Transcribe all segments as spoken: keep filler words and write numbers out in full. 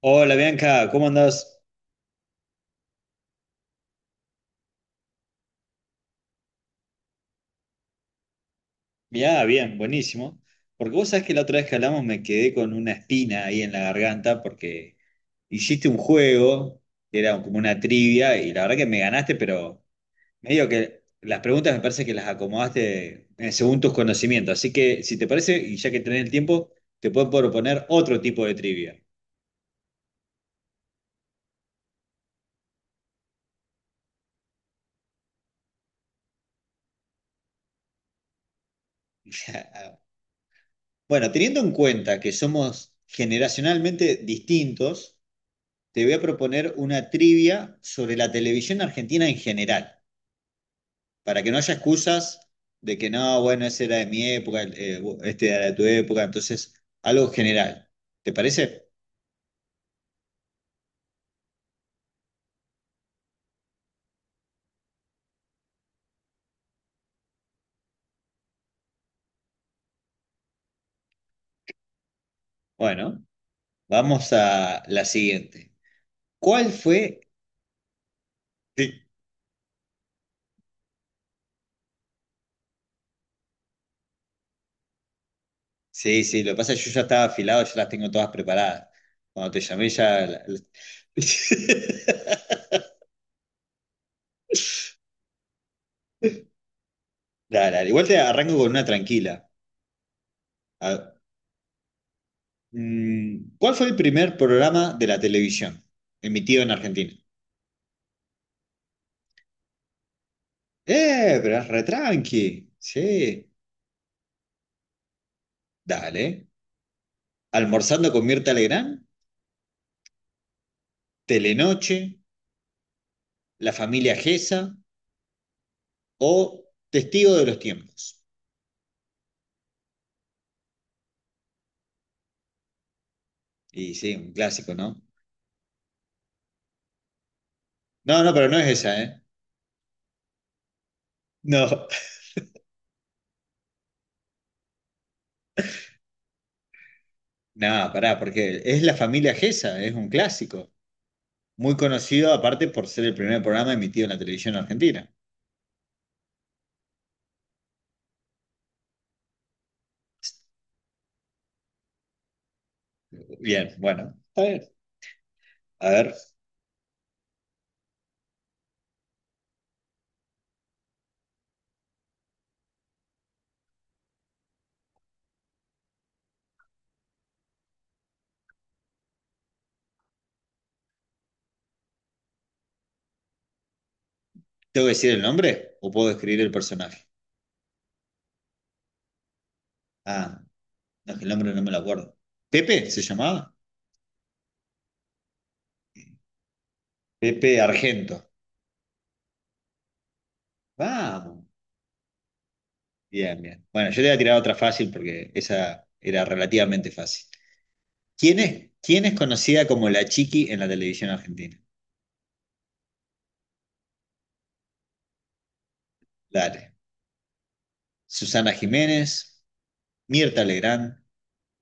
Hola Bianca, ¿cómo andás? Ya, bien, buenísimo. Porque vos sabés que la otra vez que hablamos me quedé con una espina ahí en la garganta porque hiciste un juego que era como una trivia y la verdad que me ganaste, pero medio que las preguntas me parece que las acomodaste eh, según tus conocimientos. Así que si te parece, y ya que tenés el tiempo, te puedo proponer otro tipo de trivia. Bueno, teniendo en cuenta que somos generacionalmente distintos, te voy a proponer una trivia sobre la televisión argentina en general, para que no haya excusas de que no, bueno, ese era de mi época, eh, este era de tu época, entonces algo general. ¿Te parece? Bueno, vamos a la siguiente. ¿Cuál fue? Sí, sí, sí, lo que pasa es que yo ya estaba afilado, ya las tengo todas preparadas. Cuando te llamé ya... la- la- Dale, dale, igual te arranco con una tranquila. A- Mm, ¿Cuál fue el primer programa de la televisión emitido en Argentina? Eh, pero es re tranqui. Sí, dale. ¿Almorzando con Mirta Legrand? ¿Telenoche? ¿La familia Gesa? ¿O Testigo de los tiempos? Y sí, un clásico, ¿no? No, no, pero no es esa, ¿eh? No, no, pará, porque es la familia Gesa, es un clásico. Muy conocido, aparte, por ser el primer programa emitido en la televisión argentina. Bien, bueno, está bien. A ver. ¿Tengo que decir el nombre o puedo describir el personaje? Ah, no, es que el nombre no me lo acuerdo. ¿Pepe se llamaba? Pepe Argento. Vamos. Bien, bien. Bueno, yo te voy a tirar otra fácil porque esa era relativamente fácil. ¿Quién es, quién es conocida como la Chiqui en la televisión argentina? Dale. Susana Jiménez, Mirta Legrand,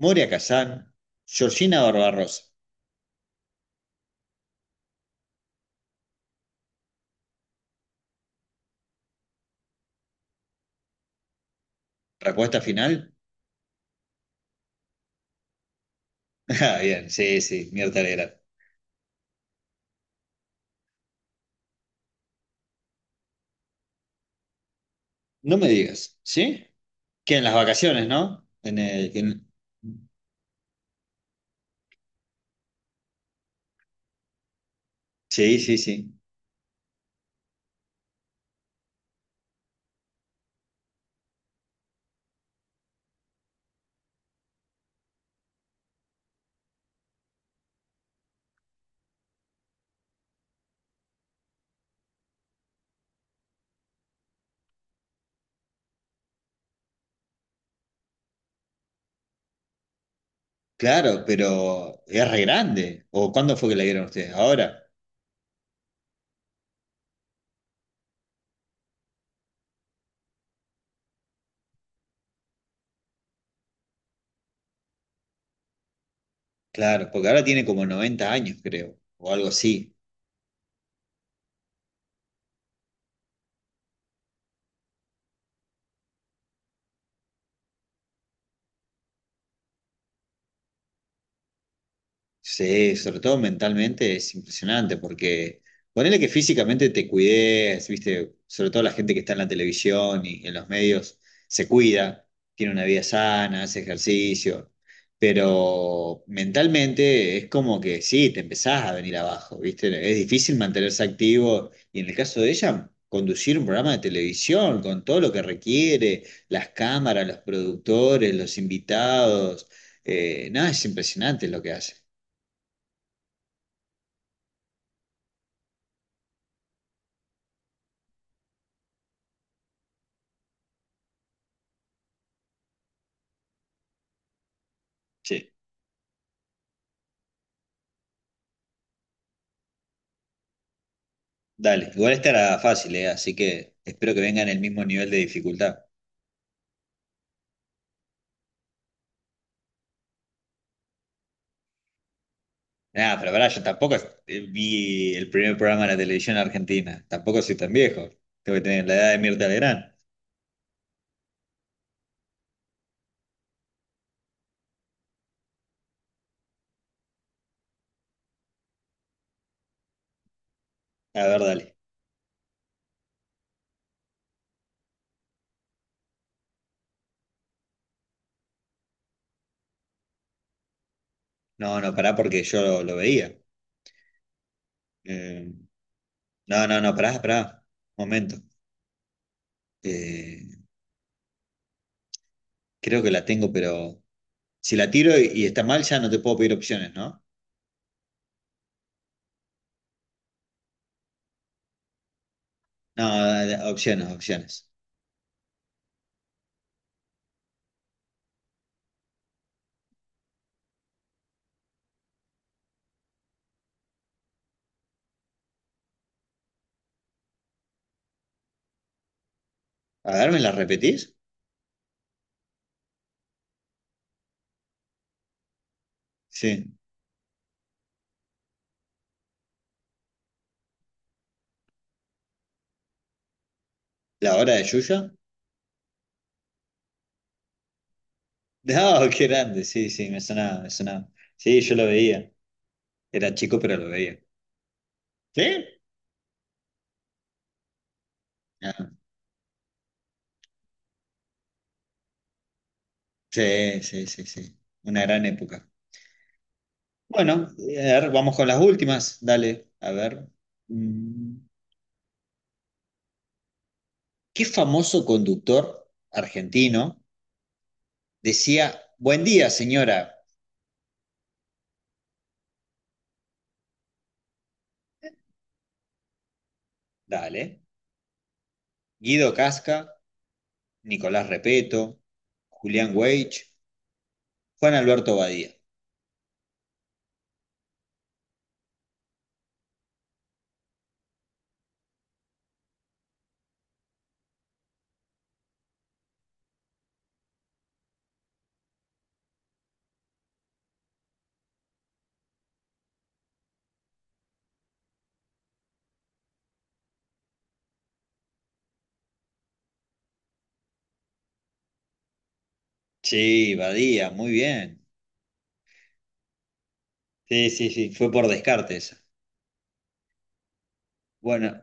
Moria Kazán, Georgina Barbarossa. ¿Respuesta final? Ah, bien, sí, sí, Mirta Legrand. No me digas, ¿sí? Que en las vacaciones, ¿no? En el- en- Sí, sí, sí. Claro, pero es re grande. ¿O cuándo fue que la dieron ustedes? Ahora. Claro, porque ahora tiene como noventa años, creo, o algo así. Sí, sobre todo mentalmente es impresionante porque ponele que físicamente te cuides, viste, sobre todo la gente que está en la televisión y en los medios se cuida, tiene una vida sana, hace ejercicio, pero mentalmente es como que sí, te empezás a venir abajo, viste, es difícil mantenerse activo y en el caso de ella, conducir un programa de televisión con todo lo que requiere, las cámaras, los productores, los invitados, eh, nada, es impresionante lo que hace. Sí, dale. Igual esta era fácil, ¿eh? Así que espero que venga en el mismo nivel de dificultad. Nada, pero pará, yo tampoco eh, vi el primer programa de la televisión argentina. Tampoco soy tan viejo. Tengo que tener la edad de Mirta Legrand. A ver, dale. No, no, pará porque yo lo, lo veía. Eh, no, no, no, pará, pará. Momento. Eh, creo que la tengo, pero si la tiro y, y está mal, ya no te puedo pedir opciones, ¿no? No, dale, opciones, opciones. A ver, ¿me las repetís? Sí. ¿La hora de Yuya? No, qué grande, sí, sí, me sonaba, me sonaba. Sí, yo lo veía. Era chico, pero lo veía. ¿Sí? Ah, sí, sí, sí, sí. Una gran época. Bueno, eh, a ver, vamos con las últimas. Dale, a ver. Mm, ¿Qué famoso conductor argentino decía, buen día, señora? Dale. Guido Casca, Nicolás Repeto, Julián Weich, Juan Alberto Badía. Sí, Badía, muy bien. Sí, sí, sí, fue por descarte esa. Bueno.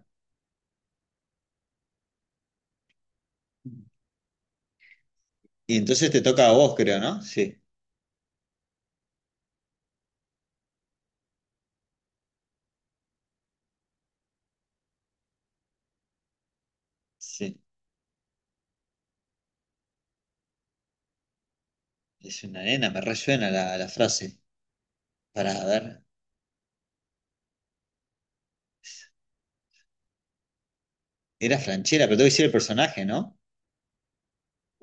Y entonces te toca a vos, creo, ¿no? Sí, sí. Es una nena, me resuena la, la frase. Para ver. Era Franchera, pero tengo que decir el personaje, ¿no?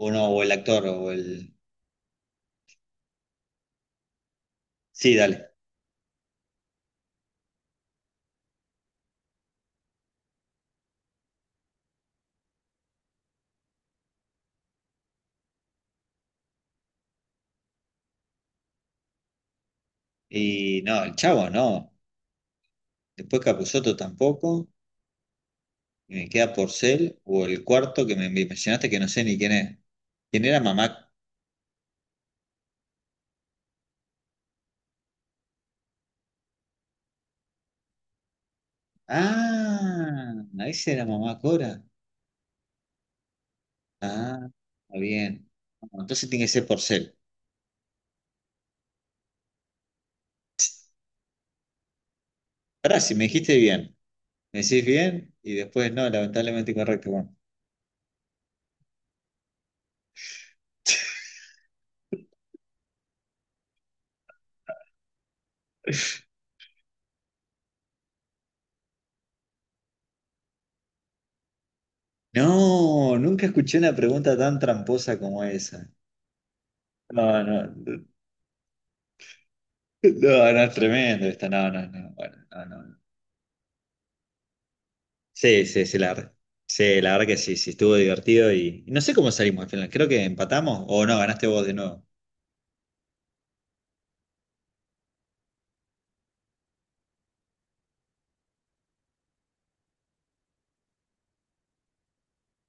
O no, o el actor, o el. Sí, dale. Y no, el chavo, no. Después Capusotto tampoco. Y me queda Porcel, o el cuarto que me me mencionaste que no sé ni quién es. ¿Quién era mamá? Ah, ahí era mamá Cora. Ah, está bien. Bueno, entonces tiene que ser Porcel. Ahora, si me dijiste bien. ¿Me decís bien? Y después, no, lamentablemente incorrecto. Bueno. No, nunca escuché una pregunta tan tramposa como esa. No, no, no, no, es tremendo esta, no, no, no, bueno, no, no. No. Sí, sí, sí, la verdad. Sí, la verdad que sí, sí, estuvo divertido y, y no sé cómo salimos al final. Creo que empatamos o no, ganaste vos de nuevo.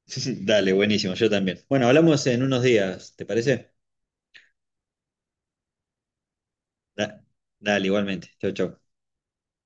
Dale, buenísimo, yo también. Bueno, hablamos en unos días, ¿te parece? Da- dale, igualmente. Chau, chau.